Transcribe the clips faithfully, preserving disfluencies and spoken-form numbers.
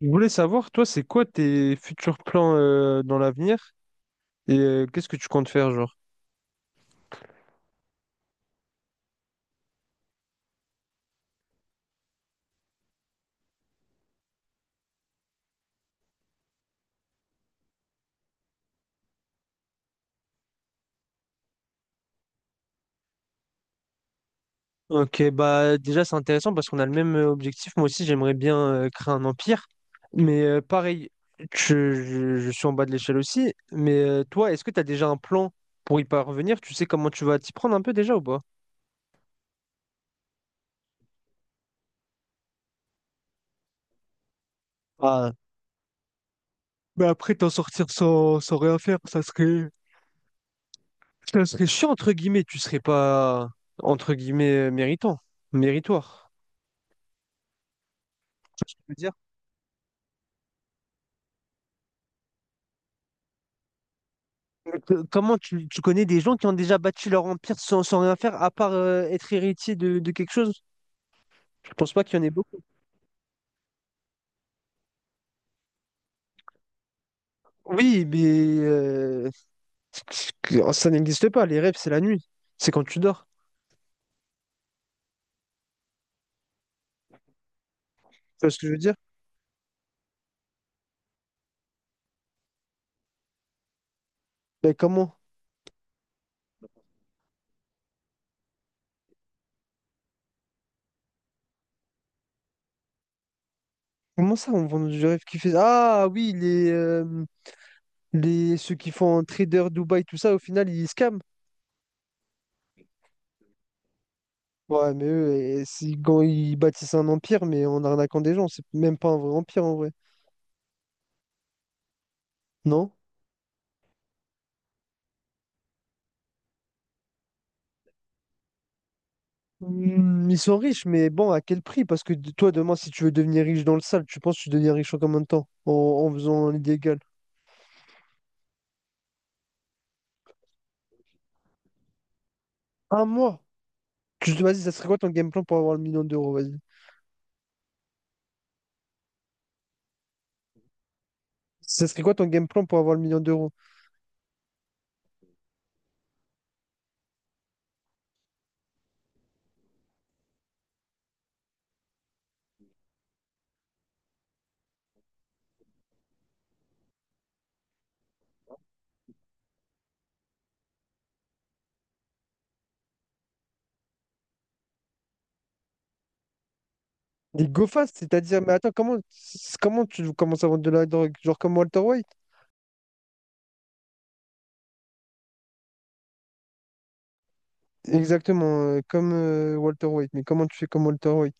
Je voulais savoir, toi, c'est quoi tes futurs plans euh, dans l'avenir et euh, qu'est-ce que tu comptes faire, genre? Ok, bah déjà c'est intéressant parce qu'on a le même euh, objectif. Moi aussi j'aimerais bien euh, créer un empire. Mais euh, pareil, je, je- je suis en bas de l'échelle aussi. Mais euh, toi, est-ce que tu as déjà un plan pour y parvenir? Tu sais comment tu vas t'y prendre un peu déjà ou pas? Ah, mais après t'en sortir sans, sans rien faire, ça serait. Ça serait chiant entre guillemets, tu serais pas entre guillemets euh, méritant, méritoire. Tu vois ce que je veux dire. Mais que- comment tu, tu connais des gens qui ont déjà bâti leur empire sans, sans rien faire, à part euh, être héritier de, de quelque chose? Je pense pas qu'il y en ait beaucoup. Oui, mais euh, que- ça n'existe pas. Les rêves, c'est la nuit. C'est quand tu dors. Tu vois ce que je veux dire? Mais comment? Comment ça, on vend du rêve qui fait. Ah oui, les, euh, les, ceux qui font un trader Dubaï, tout ça, au final, ils scamment. Ouais, mais eux, et c'est- quand ils bâtissent un empire, mais en arnaquant des gens, c'est même pas un vrai empire en vrai. Non? Hmm, ils sont riches, mais bon, à quel prix? Parce que de- toi, demain, si tu veux devenir riche dans le sale, tu penses que tu deviens riche en combien de temps? En, en faisant l'illégal? Un mois? Tu, vas-y, ça serait quoi ton game plan pour avoir le million d'euros? Vas-y. Ça serait quoi ton game plan pour avoir le million d'euros? Des go fast, c'est-à-dire, mais attends, comment, comment tu commences à vendre de la drogue? Genre comme Walter White? Exactement, euh, comme euh, Walter White. Mais comment tu fais comme Walter White?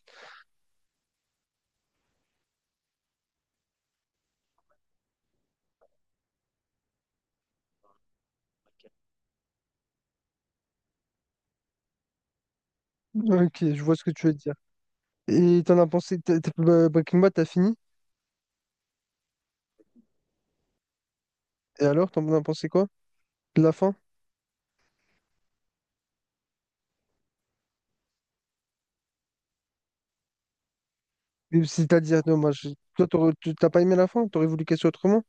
Ok, je vois ce que tu veux dire. Et t'en as pensé, t'as- t'as- bah, Breaking Bad, t'as fini? Et alors, t'en as pensé quoi? De la fin? Et c'est-à-dire, non, moi, je- toi, t'aurais- tu- t'as pas aimé la fin? T'aurais voulu qu'elle soit autrement?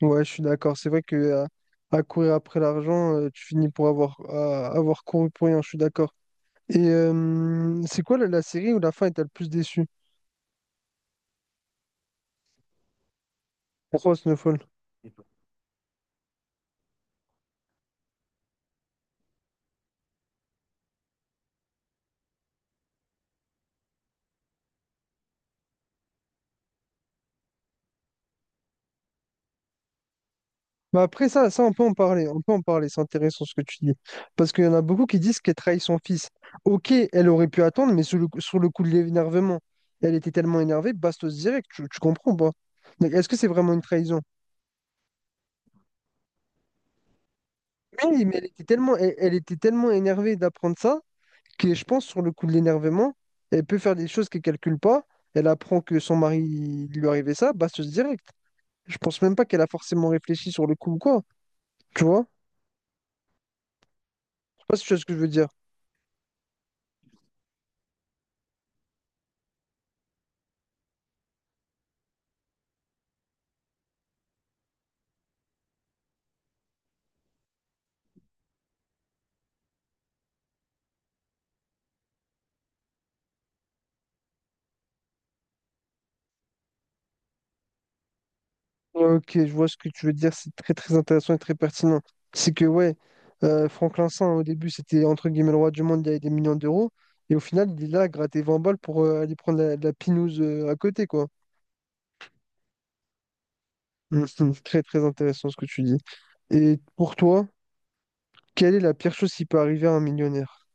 Ouais, je suis d'accord. C'est vrai que euh, à courir après l'argent, euh, tu finis pour avoir, à- avoir couru pour rien. Je suis d'accord. Et euh, c'est quoi la, la série où la fin est le plus déçu? Pourquoi Snowfall? Bah après ça, ça on peut en parler, on peut en parler, c'est intéressant ce que tu dis. Parce qu'il y en a beaucoup qui disent qu'elle trahit son fils. Ok, elle aurait pu attendre, mais sur le, coup- sur le coup de l'énervement, elle était tellement énervée, bastos direct, tu, tu comprends pas? Donc est-ce que c'est vraiment une trahison? Oui, mais elle était tellement, elle, elle était tellement énervée d'apprendre ça que je pense sur le coup de l'énervement, elle peut faire des choses qu'elle calcule pas, elle apprend que son mari il lui arrivait ça, bastos direct. Je pense même pas qu'elle a forcément réfléchi sur le coup ou quoi, tu vois? Je sais pas si tu vois ce que je veux dire. Ok, je vois ce que tu veux dire, c'est très très intéressant et très pertinent. C'est que ouais, euh, Franklin Saint, au début, c'était entre guillemets le roi du monde, il avait des millions d'euros, et au final, il est là à gratter vingt balles pour euh, aller prendre la, la pinouse euh, à côté, quoi. Mhm. C'est très très intéressant ce que tu dis. Et pour toi, quelle est la pire chose qui peut arriver à un millionnaire?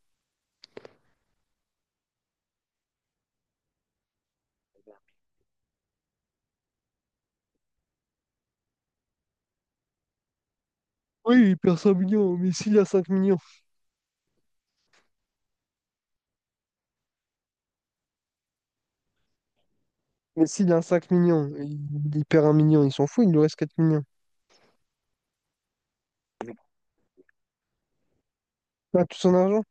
Oui, il perd cinq millions, mais s'il a cinq millions. Mais s'il a cinq millions, il, il perd un million, il s'en fout, il lui reste quatre millions. Ah, tout son argent?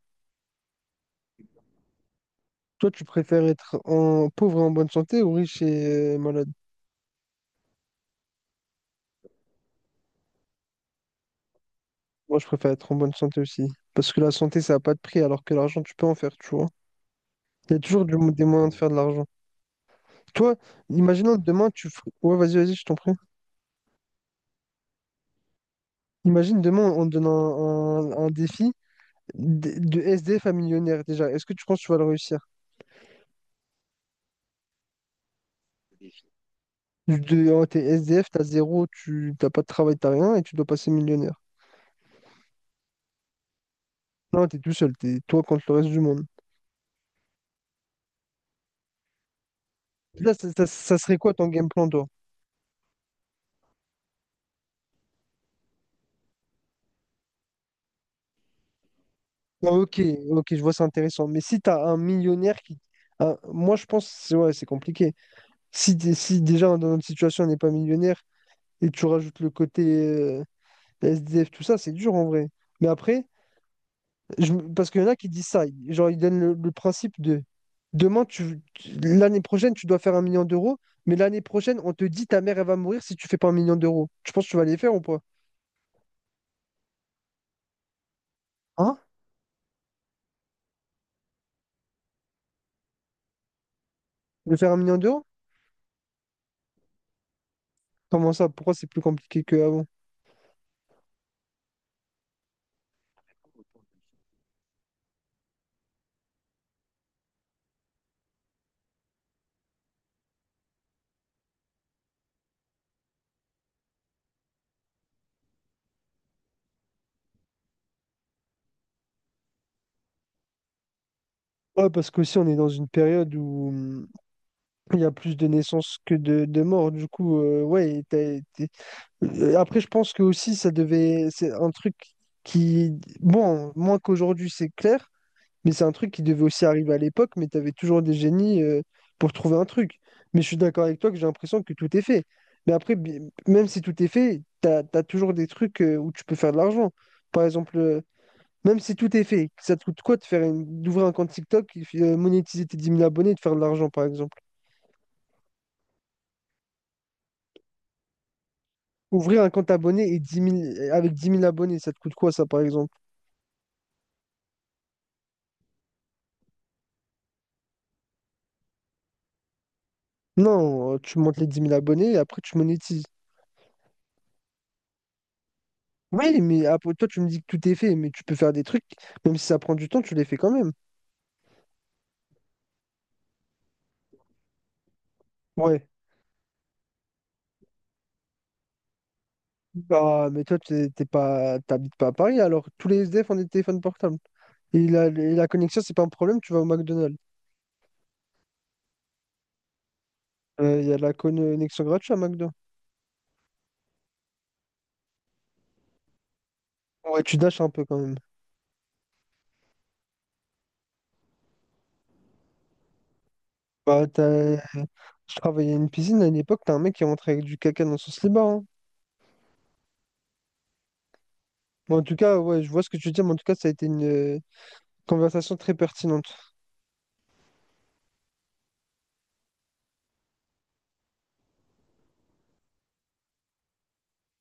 Toi, tu préfères être en pauvre et en bonne santé ou riche et malade? Moi, je préfère être en bonne santé aussi. Parce que la santé, ça n'a pas de prix, alors que l'argent, tu peux en faire, tu vois. Il y a toujours du- des moyens de faire de l'argent. Toi, imaginons demain, tu... fer- ouais, vas-y, vas-y, je t'en prie. Imagine demain, on te donne un, un- un défi de, de S D F à millionnaire, déjà. Est-ce que tu penses que tu vas le réussir? De, oh, t'es S D F, t'as zéro, tu t'as pas de travail, t'as rien, et tu dois passer millionnaire. Non, t'es tout seul, t'es toi contre le reste du monde. Là, ça, ça- ça serait quoi ton game plan, toi? Ah, ok, ok, je vois, c'est intéressant. Mais si tu as un millionnaire qui. Un- moi, je pense, c'est ouais, c'est compliqué. Si, t'es- si déjà dans notre situation, on n'est pas millionnaire et tu rajoutes le côté euh, S D F, tout ça, c'est dur en vrai. Mais après, je me- parce qu'il y en a qui disent ça, ils- genre ils donnent le, le principe de demain, tu, tu- l'année prochaine, tu dois faire un million d'euros, mais l'année prochaine, on te dit ta mère, elle va mourir si tu fais pas un million d'euros. Tu penses que tu vas les faire ou pas? Hein? De faire un million d'euros? Comment ça? Pourquoi c'est plus compliqué qu'avant? Ouais, parce qu'aussi on est dans une période où il y a plus de naissances que de, de morts, du coup, euh, ouais. t'as- t'es- Euh, Après, je pense que aussi, ça devait. C'est un truc qui. Bon, moins qu'aujourd'hui, c'est clair, mais c'est un truc qui devait aussi arriver à l'époque, mais t'avais toujours des génies euh, pour trouver un truc. Mais je suis d'accord avec toi que j'ai l'impression que tout est fait. Mais après, bi- même si tout est fait, t'as, t'as toujours des trucs euh, où tu peux faire de l'argent. Par exemple, euh, même si tout est fait, ça te coûte quoi de faire une- d'ouvrir un compte TikTok, euh, monétiser tes dix mille abonnés et de faire de l'argent, par exemple? Ouvrir un compte abonné et dix mille avec dix mille abonnés, ça te coûte quoi ça par exemple? Non, euh, tu montes les dix mille abonnés et après tu monétises. Oui, mais après toi tu me dis que tout est fait, mais tu peux faire des trucs, même si ça prend du temps, tu les fais quand même. Ouais. Bah, mais toi t'es t'es pas t'habites pas à Paris alors tous les S D F ont des téléphones portables. Et la, et la connexion, c'est pas un problème, tu vas au McDonald's. Euh, Il y a la connexion gratuite à McDo. Ouais, tu dashes un peu quand même. Bah, t'as- je travaillais à une piscine à une époque, t'as un mec qui est rentré avec du caca dans son slibard. Hein. Mais en tout cas, ouais, je vois ce que tu dis, mais en tout cas, ça a été une euh, conversation très pertinente.